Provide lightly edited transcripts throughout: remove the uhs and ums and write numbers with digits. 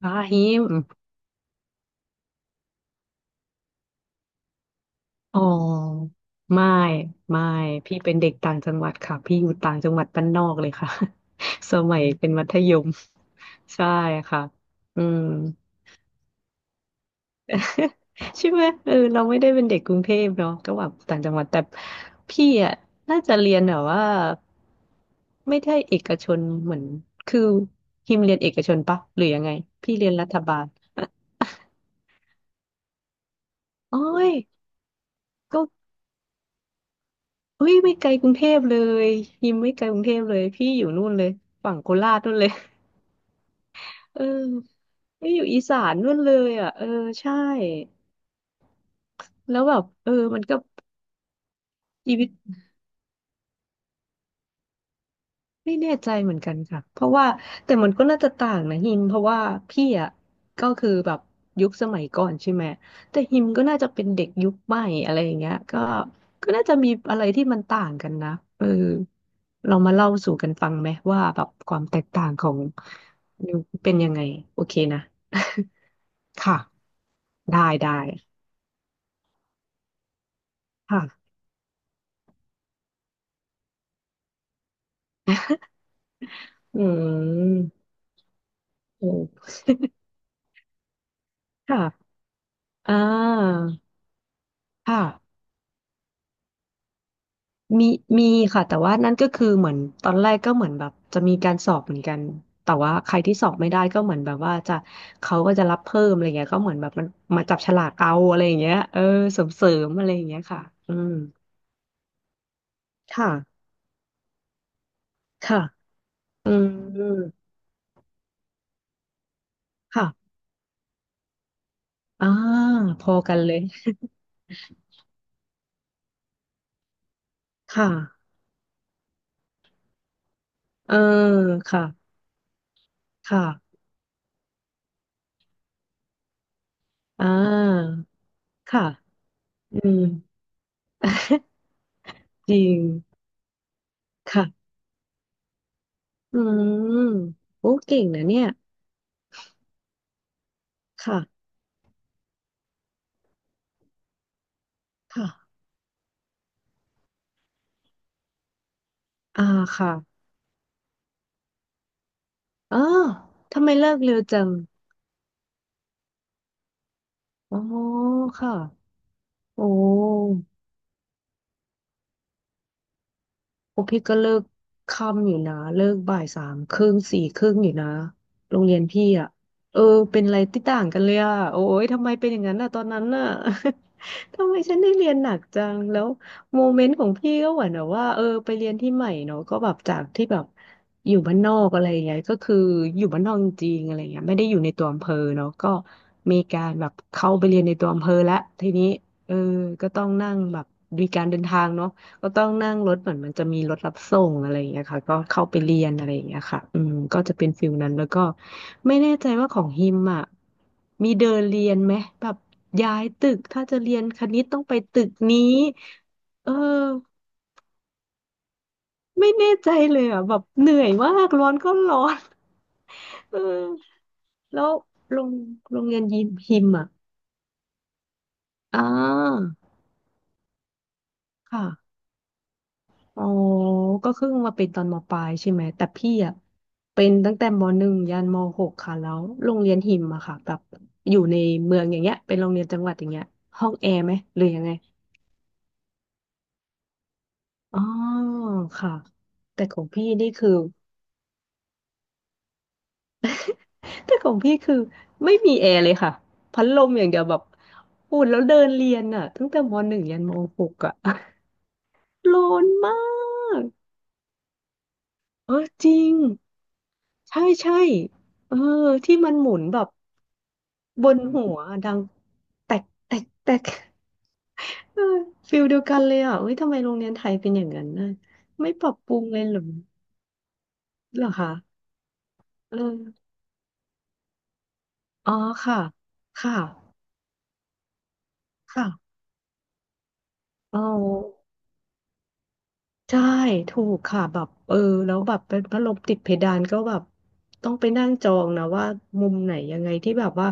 พาฮิมอ๋อไม่ไม่พี่เป็นเด็กต่างจังหวัดค่ะพี่อยู่ต่างจังหวัดบ้านนอกเลยค่ะ สมัยเป็นมัธยมใช่ค่ะอืม ใช่ไหมเออเราไม่ได้เป็นเด็กกรุงเทพเนาะก็แบบต่างจังหวัดแต่พี่อ่ะน่าจะเรียนแบบว่าไม่ได้เอกชนเหมือนคือฮิมเรียนเอกชนปะหรือยังไงพี่เรียนรัฐบาลโอ้ยก็ เฮ้ยไม่ไกลกรุงเทพเลยยิมไม่ไกลกรุงเทพเลยพี่อยู่นู่นเลยฝั่งโคราชนู่นเลย เออไม่อยู่อีสานนู่นเลยอ่ะเออใช่แล้วแบบเออมันก็ชีวิต ไม่แน่ใจเหมือนกันค่ะเพราะว่าแต่มันก็น่าจะต่างนะฮิมเพราะว่าพี่อ่ะก็คือแบบยุคสมัยก่อนใช่ไหมแต่ฮิมก็น่าจะเป็นเด็กยุคใหม่อะไรอย่างเงี้ยก็น่าจะมีอะไรที่มันต่างกันนะเออเรามาเล่าสู่กันฟังไหมว่าแบบความแตกต่างของยุคเป็นยังไงโอเคนะ ค่ะได้ได้ค่ะอืมโอ้ค่ะอ่าค่ะ มีมีค่ะ แต่ว่านั่นก็คือเหมือนตอนแรกก็เหมือนแบบจะมีการสอบเหมือนกัน แต่ว่าใครที่สอบไม่ได้ก็เหมือนแบบว่าจะเขาก็จะรับเพิ่มอะไรเงี้ยก็เหมือนแบบมันมาจับฉลากเอาอะไรอย่างเงี้ยเออเสริมเสริมอะไรอย่างเงี้ยค่ะอืมค่ะค่ะอืมค่ะอ่าพอกันเลยค่ะเออค่ะค่ะอ่าค่ะอืม จริงค่ะอืมโอ้เก่งนะเนี่ยค่ะค่ะ อ่าค่ะอ๋อทำไมเลิกเร็วจังอ๋อค่ะโอ้ พวกพี่ก็เลิกค่ำอยู่นะเลิกบ่ายสามครึ่งสี่ครึ่งอยู่นะโรงเรียนพี่อ่ะเออเป็นอะไรที่ต่างกันเลยอ่ะโอ้ยทำไมเป็นอย่างนั้นอ่ะตอนนั้นน่ะ ทำไมฉันได้เรียนหนักจังแล้วโมเมนต์ของพี่ก็เหมือนแบบว่าเออไปเรียนที่ใหม่เนาะก็แบบจากที่แบบอยู่บ้านนอกอะไรอย่างเงี้ยก็คืออยู่บ้านนอกจริงๆอะไรเงี้ยไม่ได้อยู่ในตัวอำเภอเนาะก็มีการแบบเข้าไปเรียนในตัวอำเภอแล้วทีนี้เออก็ต้องนั่งแบบมีการเดินทางเนาะ ก็ต้องนั่งรถเหมือนมันจะมีรถรับส่งอะไรอย่างเงี้ยค่ะก็เข้าไปเรียนอะไรอย่างเงี้ยค่ะอืมก็จะเป็นฟิลนั้นแล้วก็ไม่แน่ใจว่าของฮิมอ่ะมีเดินเรียนไหมแบบย้ายตึกถ้าจะเรียนคณิตต้องไปตึกนี้เออไม่แน่ใจเลยอ่ะแบบเหนื่อยมากร้อนก็ร้อน เออแล้วโรงโรงเรียนยิมฮิมอ่ะอ่าค่ะ อ๋อก็เพิ่งมาเป็นตอนมปลายใช่ไหมแต่พี่อ่ะเป็นตั้งแต่มหนึ่งยันมหกค่ะแล้วโรงเรียนหิมอะค่ะแบบอยู่ในเมืองอย่างเงี้ยเป็นโรงเรียนจังหวัดอย่างเงี้ยห้องแอร์ไหมหรือยังไงอ๋อค่ะแต่ของพี่นี่คือ แต่ของพี่คือไม่มีแอร์เลยค่ะ พัดลมอย่างเดียวแบบอุ่นแล้วเดินเรียนอ่ะตั้งแต่มหนึ่งยันมหกอ่ะ ร้อนมากเออจริงใช่ใช่เออที่มันหมุนแบบ บนหัวดังแตกแตกแตกเออฟิลเดียวกันเลยอ่ะเฮ้ยทำไมโรงเรียนไทยเป็นอย่างนั้นน่ะไม่ปรับปรุงเลยเหรอเหรอคะเอออ๋อค่ะค่ะค่ะอ๋อ ใช่ถูกค่ะแบบเออแล้วแบบเป็นพัดลมติดเพดานก็แบบต้องไปนั่งจองนะว่ามุมไหนยังไงที่แบบว่า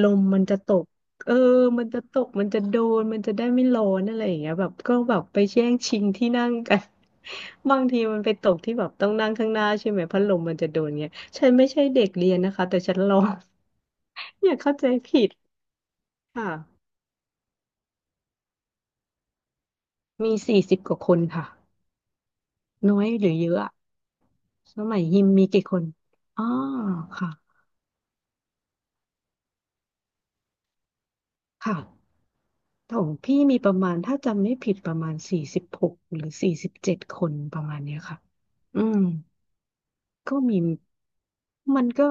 ลมมันจะตกเออมันจะตกมันจะโดนมันจะได้ไม่ร้อนอะไรอย่างเงี้ยแบบก็แบบไปแย่งชิงที่นั่งกัน บางทีมันไปตกที่แบบต้องนั่งข้างหน้าใช่ไหมพัดลมมันจะโดนเงี้ยฉันไม่ใช่เด็กเรียนนะคะแต่ฉันลอง อย่าเข้าใจผิดค่ะมีสี่สิบกว่าคนค่ะน้อยหรือเยอะอะสมัยยิมมีกี่คนอ๋อค่ะค่ะ ของพี่มีประมาณถ้าจำไม่ผิดประมาณ46หรือ47คนประมาณเนี้ยค่ะอืมก็มีมันก็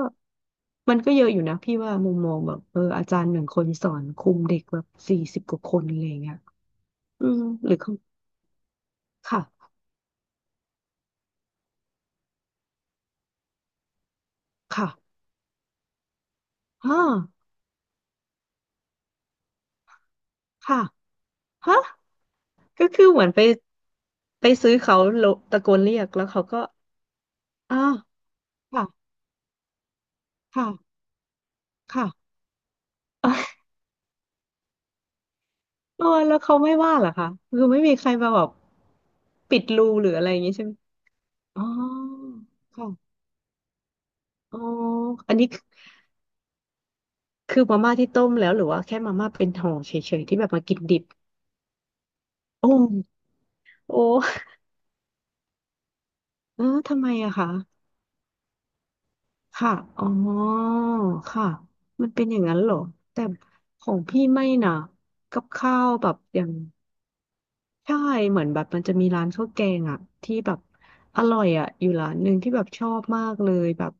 มันก็เยอะอยู่นะพี่ว่ามุมมองแบบเอออาจารย์หนึ่งคนสอนคุมเด็กแบบสี่สิบกว่าคนอะไรอย่างเงี้ยอืมหรือเขาค่ะค่ะฮ่าค่ะฮะก็คือเหมือนไปซื้อเขาโลตะโกนเรียกแล้วเขาก็อ่าค่ะค่ะค่ะ เออแล้วเขาไม่ว่าเหรอคะคือไม่มีใครมาแบบปิดรูหรืออะไรอย่างงี้ใช่ไหมอ๋อค่ะอ๋ออันนี้คือมาม่าที่ต้มแล้วหรือว่าแค่มาม่าเป็นห่อเฉยๆ ที่แบบมากินดิบโอ้โอ้เออทำไมอะคะค่ะอ๋อค่ะมันเป็นอย่างนั้นเหรอ แต่ของพี่ไม่นะกับข้าวแบบอย่าง ใช่เหมือนแบบมันจะมีร้านข้าวแกงอ่ะที่แบบอร่อยอ่ะอยู่ร้านหนึ่งที่แบบชอบมากเลยแบบ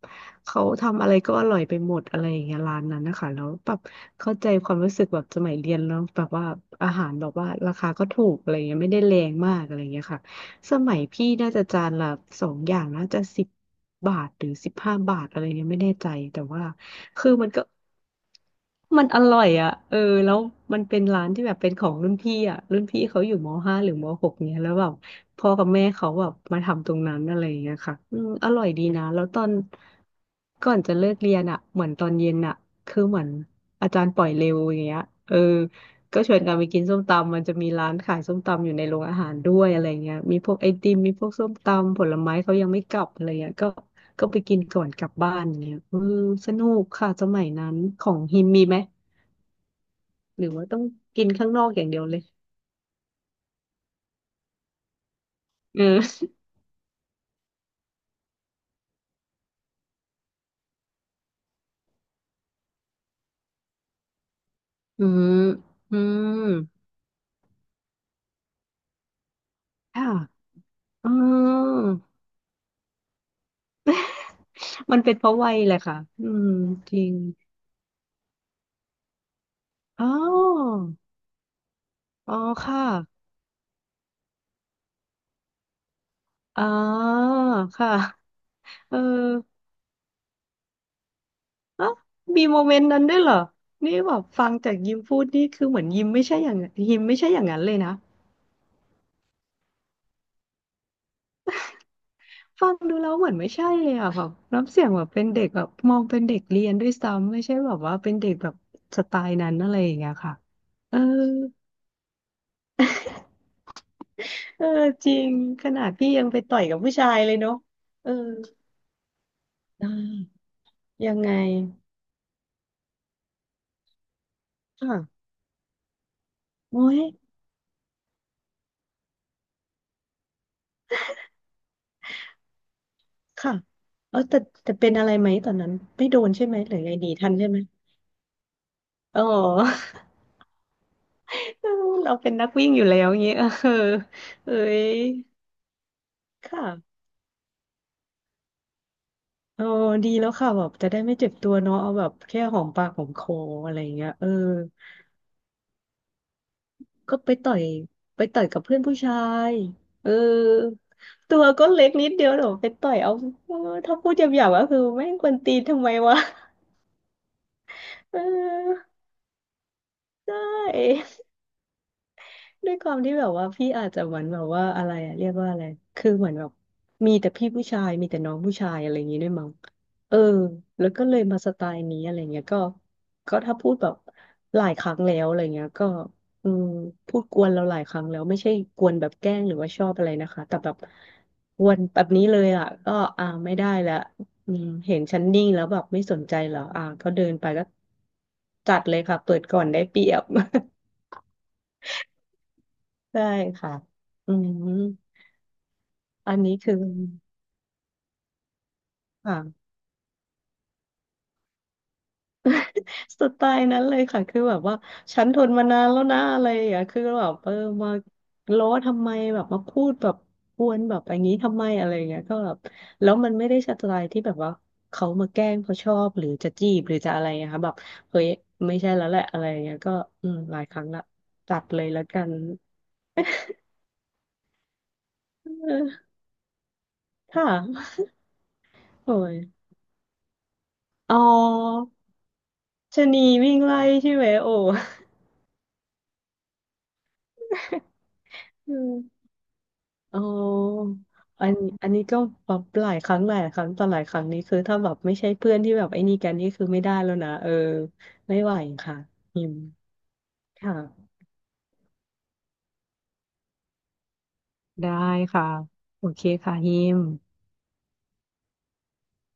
เขาทำอะไรก็อร่อยไปหมดอะไรอย่างเงี้ยร้านนั้นนะคะแล้วแบบเข้าใจความรู้สึกแบบสมัยเรียนแล้วแบบว่าอาหารแบบว่าราคาก็ถูกอะไรเงี้ยไม่ได้แรงมากอะไรเงี้ยค่ะสมัยพี่น่าจะจานละสองอย่างน่าจะสิบบาทหรือสิบห้าบาทอะไรเงี้ยไม่แน่ใจแต่ว่าคือมันก็ มันอร่อยอ่ะเออแล้วมันเป็นร้านที่แบบเป็นของรุ่นพี่อ่ะรุ่นพี่เขาอยู่มห้าหรือมหกเนี่ยแล้วแบบพ่อกับแม่เขาแบบมาทำตรงนั้นอะไรอย่างเงี้ยค่ะอืมอร่อยดีนะแล้วตอนก่อนจะเลิกเรียนอ่ะเหมือนตอนเย็นอ่ะคือเหมือนอาจารย์ปล่อยเร็วอย่างเงี้ยเออก็ชวนกันไปกินส้มตำมันจะมีร้านขายส้มตำอยู่ในโรงอาหารด้วยอะไรเงี้ยมีพวกไอติมมีพวกส้มตำผลไม้เขายังไม่กลับอะไรเงี้ยก็ ก็ไปกินก่อนกลับบ้านอย่างเงี้ยเออสนุกค่ะสมัยนั้น ของฮิมมีไหม หรือว่าต้องกินข้างนอกอย่างเดียวเลยเอออืมอืมค่ะอ๋อมันเป็นเพราะวัยแหละค่ะ อืมจริงอ๋ออ๋อค่ะอ๋อค่ะเอออ่ะ มีโมเมนต์นั้นด้วยเหรอนี่แบบฟังจากยิมพูดนี่คือเหมือนยิมไม่ใช่อย่างยิมไม่ใช่อย่างนั้นเลยนะ ฟังดูแล้วเหมือนไม่ใช่เลยอ่ะแบบน้ำเสียงแบบเป็นเด็กแบบมองเป็นเด็กเรียนด้วยซ้ำไม่ใช่แบบว่าเป็นเด็กแบบสไตล์นั้นอะไรอย่างเงี้ยค่ะเออเออจริงขนาดพี่ยังไปต่อยกับผู้ชายเลยเนาะเออได้ยังไงค่ะโอ้ยค่ะเออแต่แต่เป็นอะไรไหมตอนนั้นไม่โดนใช่ไหมหรือไงดีทันใช่ไหมอ๋อ เราเป็นนักวิ่งอยู่แล้วอย่างเงี้ยเออเอ้ยค่ะ เออดีแล้วค่ะแบบจะได้ไม่เจ็บตัวเนาะเอาแบบแค่หอมปากหอมคออะไรอย่างเงี้ยเออก็ไปต่อยกับเพื่อนผู้ชายเออตัวก็เล็กนิดเดียวเดี๋ยวไปต่อยเอาเออถ้าพูดหยาบๆก็คือแม่งกวนตีนทำไมวะเออได้ ด้วยความที่แบบว่าพี่อาจจะเหมือนแบบว่าอะไรอะเรียกว่าอะไรคือเหมือนแบบมีแต่พี่ผู้ชายมีแต่น้องผู้ชายอะไรอย่างงี้ด้วยมั้งเออแล้วก็เลยมาสไตล์นี้อะไรเงี้ยก็ก็ถ้าพูดแบบหลายครั้งแล้วอะไรเงี้ยก็อืมพูดกวนเราหลายครั้งแล้วไม่ใช่กวนแบบแกล้งหรือว่าชอบอะไรนะคะแต่แบบกวนแบบนี้เลยอ่ะก็อ่าไม่ได้ละอืมเห็นฉันนิ่งแล้วแบบไม่สนใจเหรออ่าก็เดินไปก็จัดเลยค่ะเปิดก่อนได้เปรียบ ได้ค่ะอืมอันนี้คือค่ะสไตล์นั้นเลยค่ะคือแบบว่าฉันทนมานานแล้วนะอะไรอย่างเงี้ยคือแบบเออมาล้อทำไมแบบมาพูดแบบกวนแบบอย่างนี้ทำไมอะไรอย่างเงี้ยก็แบบแล้วมันไม่ได้สไตล์ที่แบบว่าเขามาแกล้งเพราะชอบหรือจะจีบหรือจะอะไรนะคะแบบเฮ้ยไม่ใช่แล้วแหละอะไรอย่างเงี้ยก็อืมหลายครั้งละตัดเลยแล้วกันเออค่ะโอ้ยอ๋อชะนีวิ่งไล่ใช่ไหมโอ้ อืม อ๋ออันอันนี้ก็แบบหลายครั้งต่อหลายครั้งนี้คือถ้าแบบไม่ใช่เพื่อนที่แบบไอ้นี่กันนี่คือไม่ได้แล้วนะเออไม่ไหวค่ะฮิมค่ะได้ค่ะโอเคค่ะฮิม